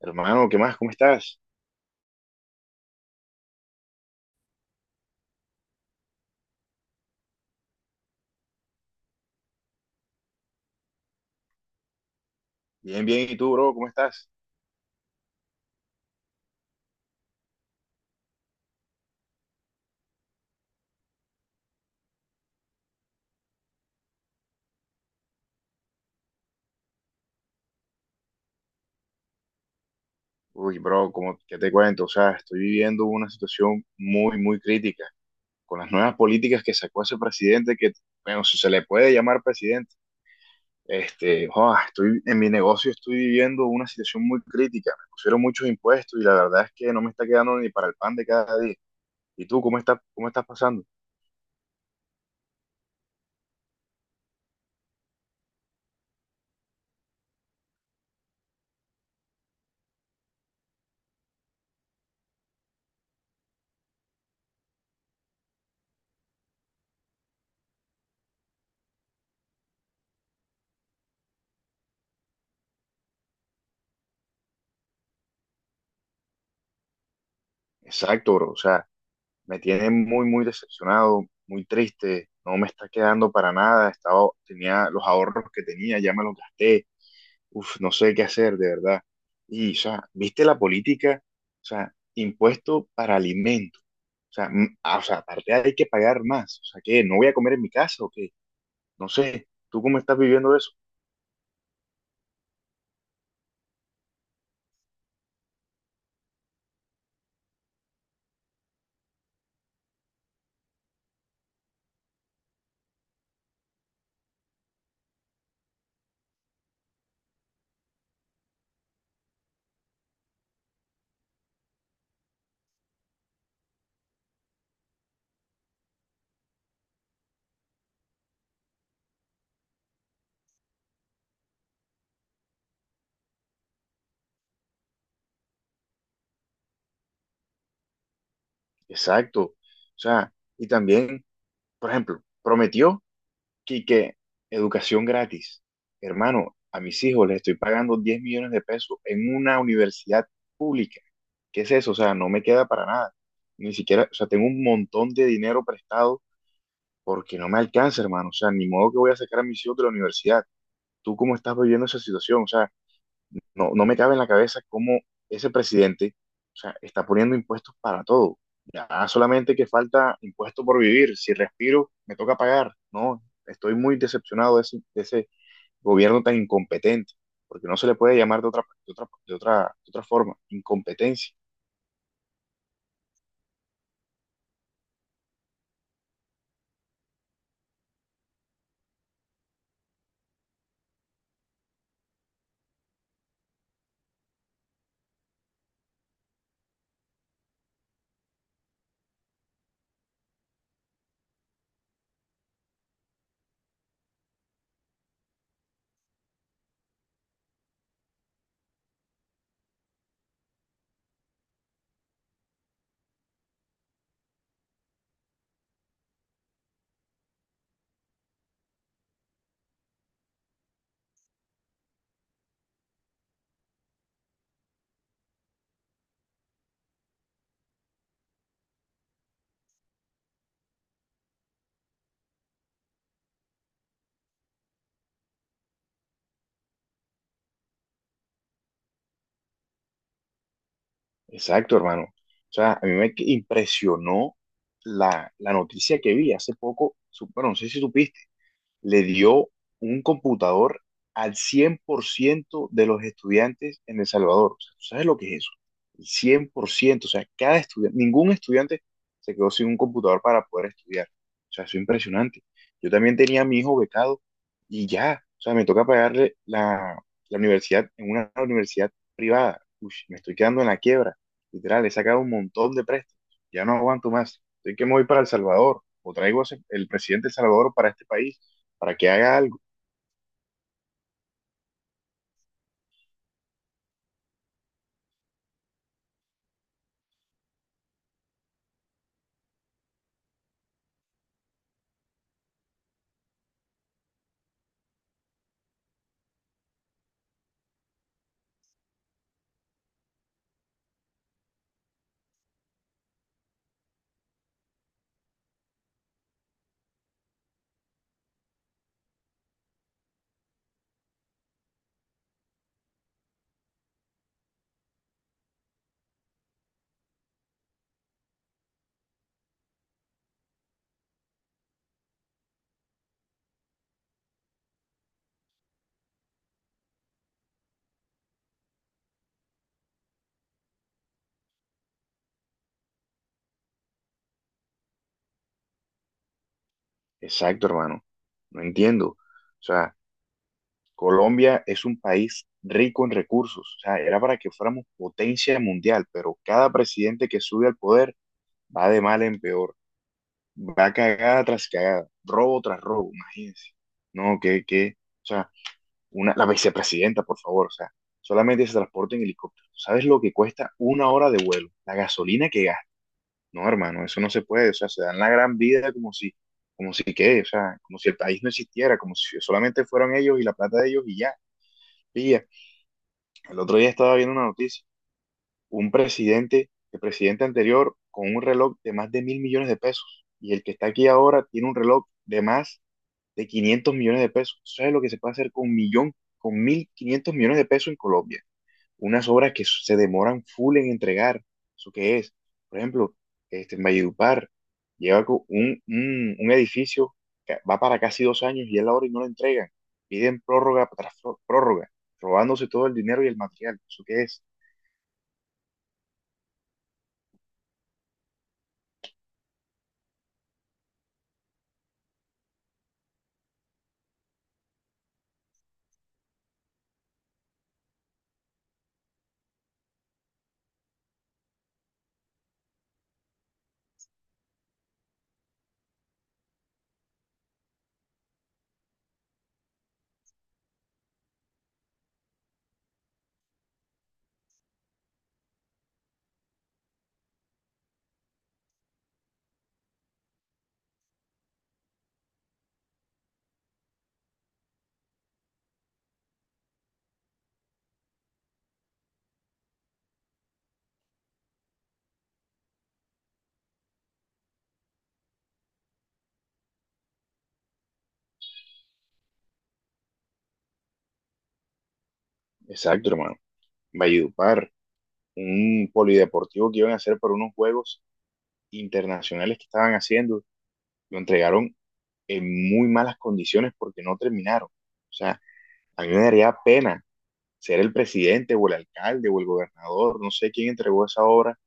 Hermano, ¿qué más? ¿Cómo estás? Bien, bien. ¿Y tú, bro? ¿Cómo estás? Uy, bro, qué te cuento? O sea, estoy viviendo una situación muy, muy crítica con las nuevas políticas que sacó ese presidente que, bueno, si se le puede llamar presidente. Joa, estoy en mi negocio, estoy viviendo una situación muy crítica. Me pusieron muchos impuestos y la verdad es que no me está quedando ni para el pan de cada día. ¿Y tú, cómo estás pasando? Exacto, bro. O sea, me tiene muy, muy decepcionado, muy triste, no me está quedando para nada, tenía los ahorros que tenía, ya me los gasté, uf, no sé qué hacer, de verdad. Y, o sea, ¿viste la política? O sea, impuesto para alimentos. O sea, aparte hay que pagar más. O sea, ¿qué? ¿No voy a comer en mi casa o qué? No sé. ¿Tú cómo estás viviendo eso? Exacto. O sea, y también, por ejemplo, prometió Quique, educación gratis. Hermano, a mis hijos les estoy pagando 10 millones de pesos en una universidad pública. ¿Qué es eso? O sea, no me queda para nada. Ni siquiera, o sea, tengo un montón de dinero prestado porque no me alcanza, hermano. O sea, ni modo que voy a sacar a mis hijos de la universidad. ¿Tú cómo estás viviendo esa situación? O sea, no, no me cabe en la cabeza cómo ese presidente, o sea, está poniendo impuestos para todo. Ya solamente que falta impuesto por vivir. Si respiro, me toca pagar. No, estoy muy decepcionado de ese gobierno tan incompetente, porque no se le puede llamar de otra forma. Incompetencia. Exacto, hermano. O sea, a mí me impresionó la noticia que vi hace poco. Bueno, no sé si supiste. Le dio un computador al 100% de los estudiantes en El Salvador. O sea, ¿tú sabes lo que es eso? El 100%, o sea, cada estudiante, ningún estudiante se quedó sin un computador para poder estudiar. O sea, eso es impresionante. Yo también tenía a mi hijo becado y ya, o sea, me toca pagarle la universidad en una universidad privada. Uy, me estoy quedando en la quiebra. Literal, he sacado un montón de préstamos. Ya no aguanto más. Estoy que me voy para El Salvador o traigo a el presidente de El Salvador para este país para que haga algo. Exacto, hermano. No entiendo. O sea, Colombia es un país rico en recursos. O sea, era para que fuéramos potencia mundial, pero cada presidente que sube al poder va de mal en peor. Va cagada tras cagada, robo tras robo, imagínense. No, o sea, la vicepresidenta, por favor, o sea, solamente se transporta en helicóptero. ¿Sabes lo que cuesta una hora de vuelo? La gasolina que gasta. No, hermano, eso no se puede, o sea, se dan la gran vida como si qué, o sea, como si el país no existiera, como si solamente fueron ellos y la plata de ellos y ya. Pilla, el otro día estaba viendo una noticia, un presidente, el presidente anterior, con un reloj de más de 1.000 millones de pesos, y el que está aquí ahora tiene un reloj de más de 500 millones de pesos. ¿Sabes lo que se puede hacer con 1.500 millones de pesos en Colombia? Unas obras que se demoran full en entregar. ¿Eso qué es? Por ejemplo, en Valledupar lleva un edificio que va para casi 2 años y es la hora y no lo entregan. Piden prórroga tras prórroga, robándose todo el dinero y el material. ¿Eso qué es? Exacto, hermano. Valledupar, un polideportivo que iban a hacer para unos juegos internacionales que estaban haciendo, lo entregaron en muy malas condiciones porque no terminaron. O sea, a mí me daría pena ser el presidente o el alcalde o el gobernador, no sé quién entregó esa obra,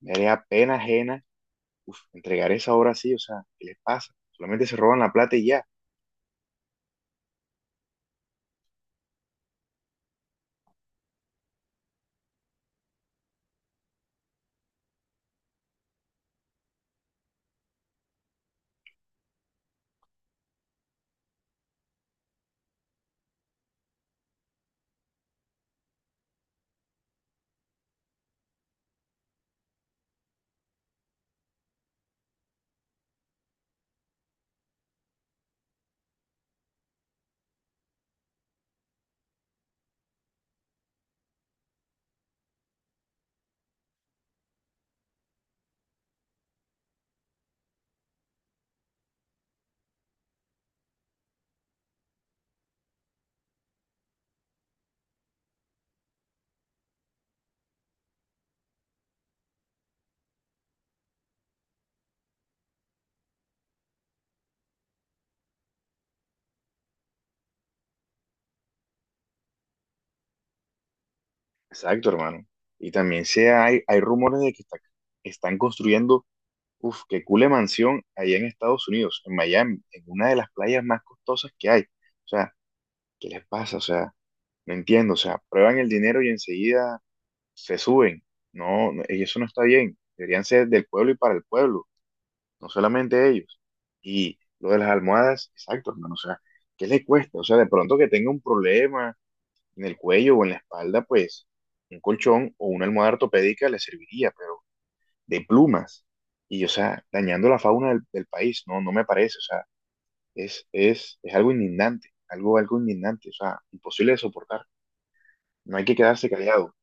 me haría pena ajena, uf, entregar esa obra así, o sea, ¿qué les pasa? Solamente se roban la plata y ya. Exacto, hermano. Y también se hay rumores de que están construyendo, uf, qué cule mansión allá en Estados Unidos, en Miami, en una de las playas más costosas que hay. O sea, ¿qué les pasa? O sea, no entiendo, o sea, prueban el dinero y enseguida se suben. No, no, y eso no está bien. Deberían ser del pueblo y para el pueblo, no solamente ellos. Y lo de las almohadas, exacto, hermano, o sea, ¿qué le cuesta? O sea, de pronto que tenga un problema en el cuello o en la espalda, pues un colchón o una almohada ortopédica le serviría, pero de plumas. Y, o sea, dañando la fauna del país, no, no me parece, o sea, es algo indignante, algo indignante, o sea, imposible de soportar. No hay que quedarse callado,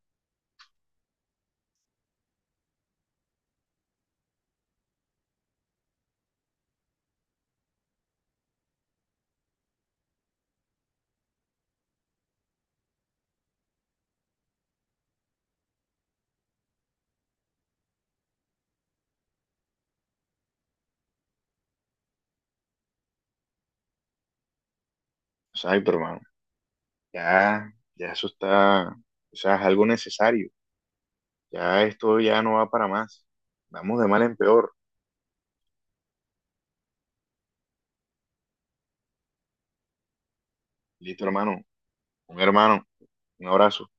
o sea, ay, pero hermano, ya, ya eso está, o sea, es algo necesario. Ya esto ya no va para más. Vamos de mal en peor. Listo, hermano. Un hermano. Un abrazo.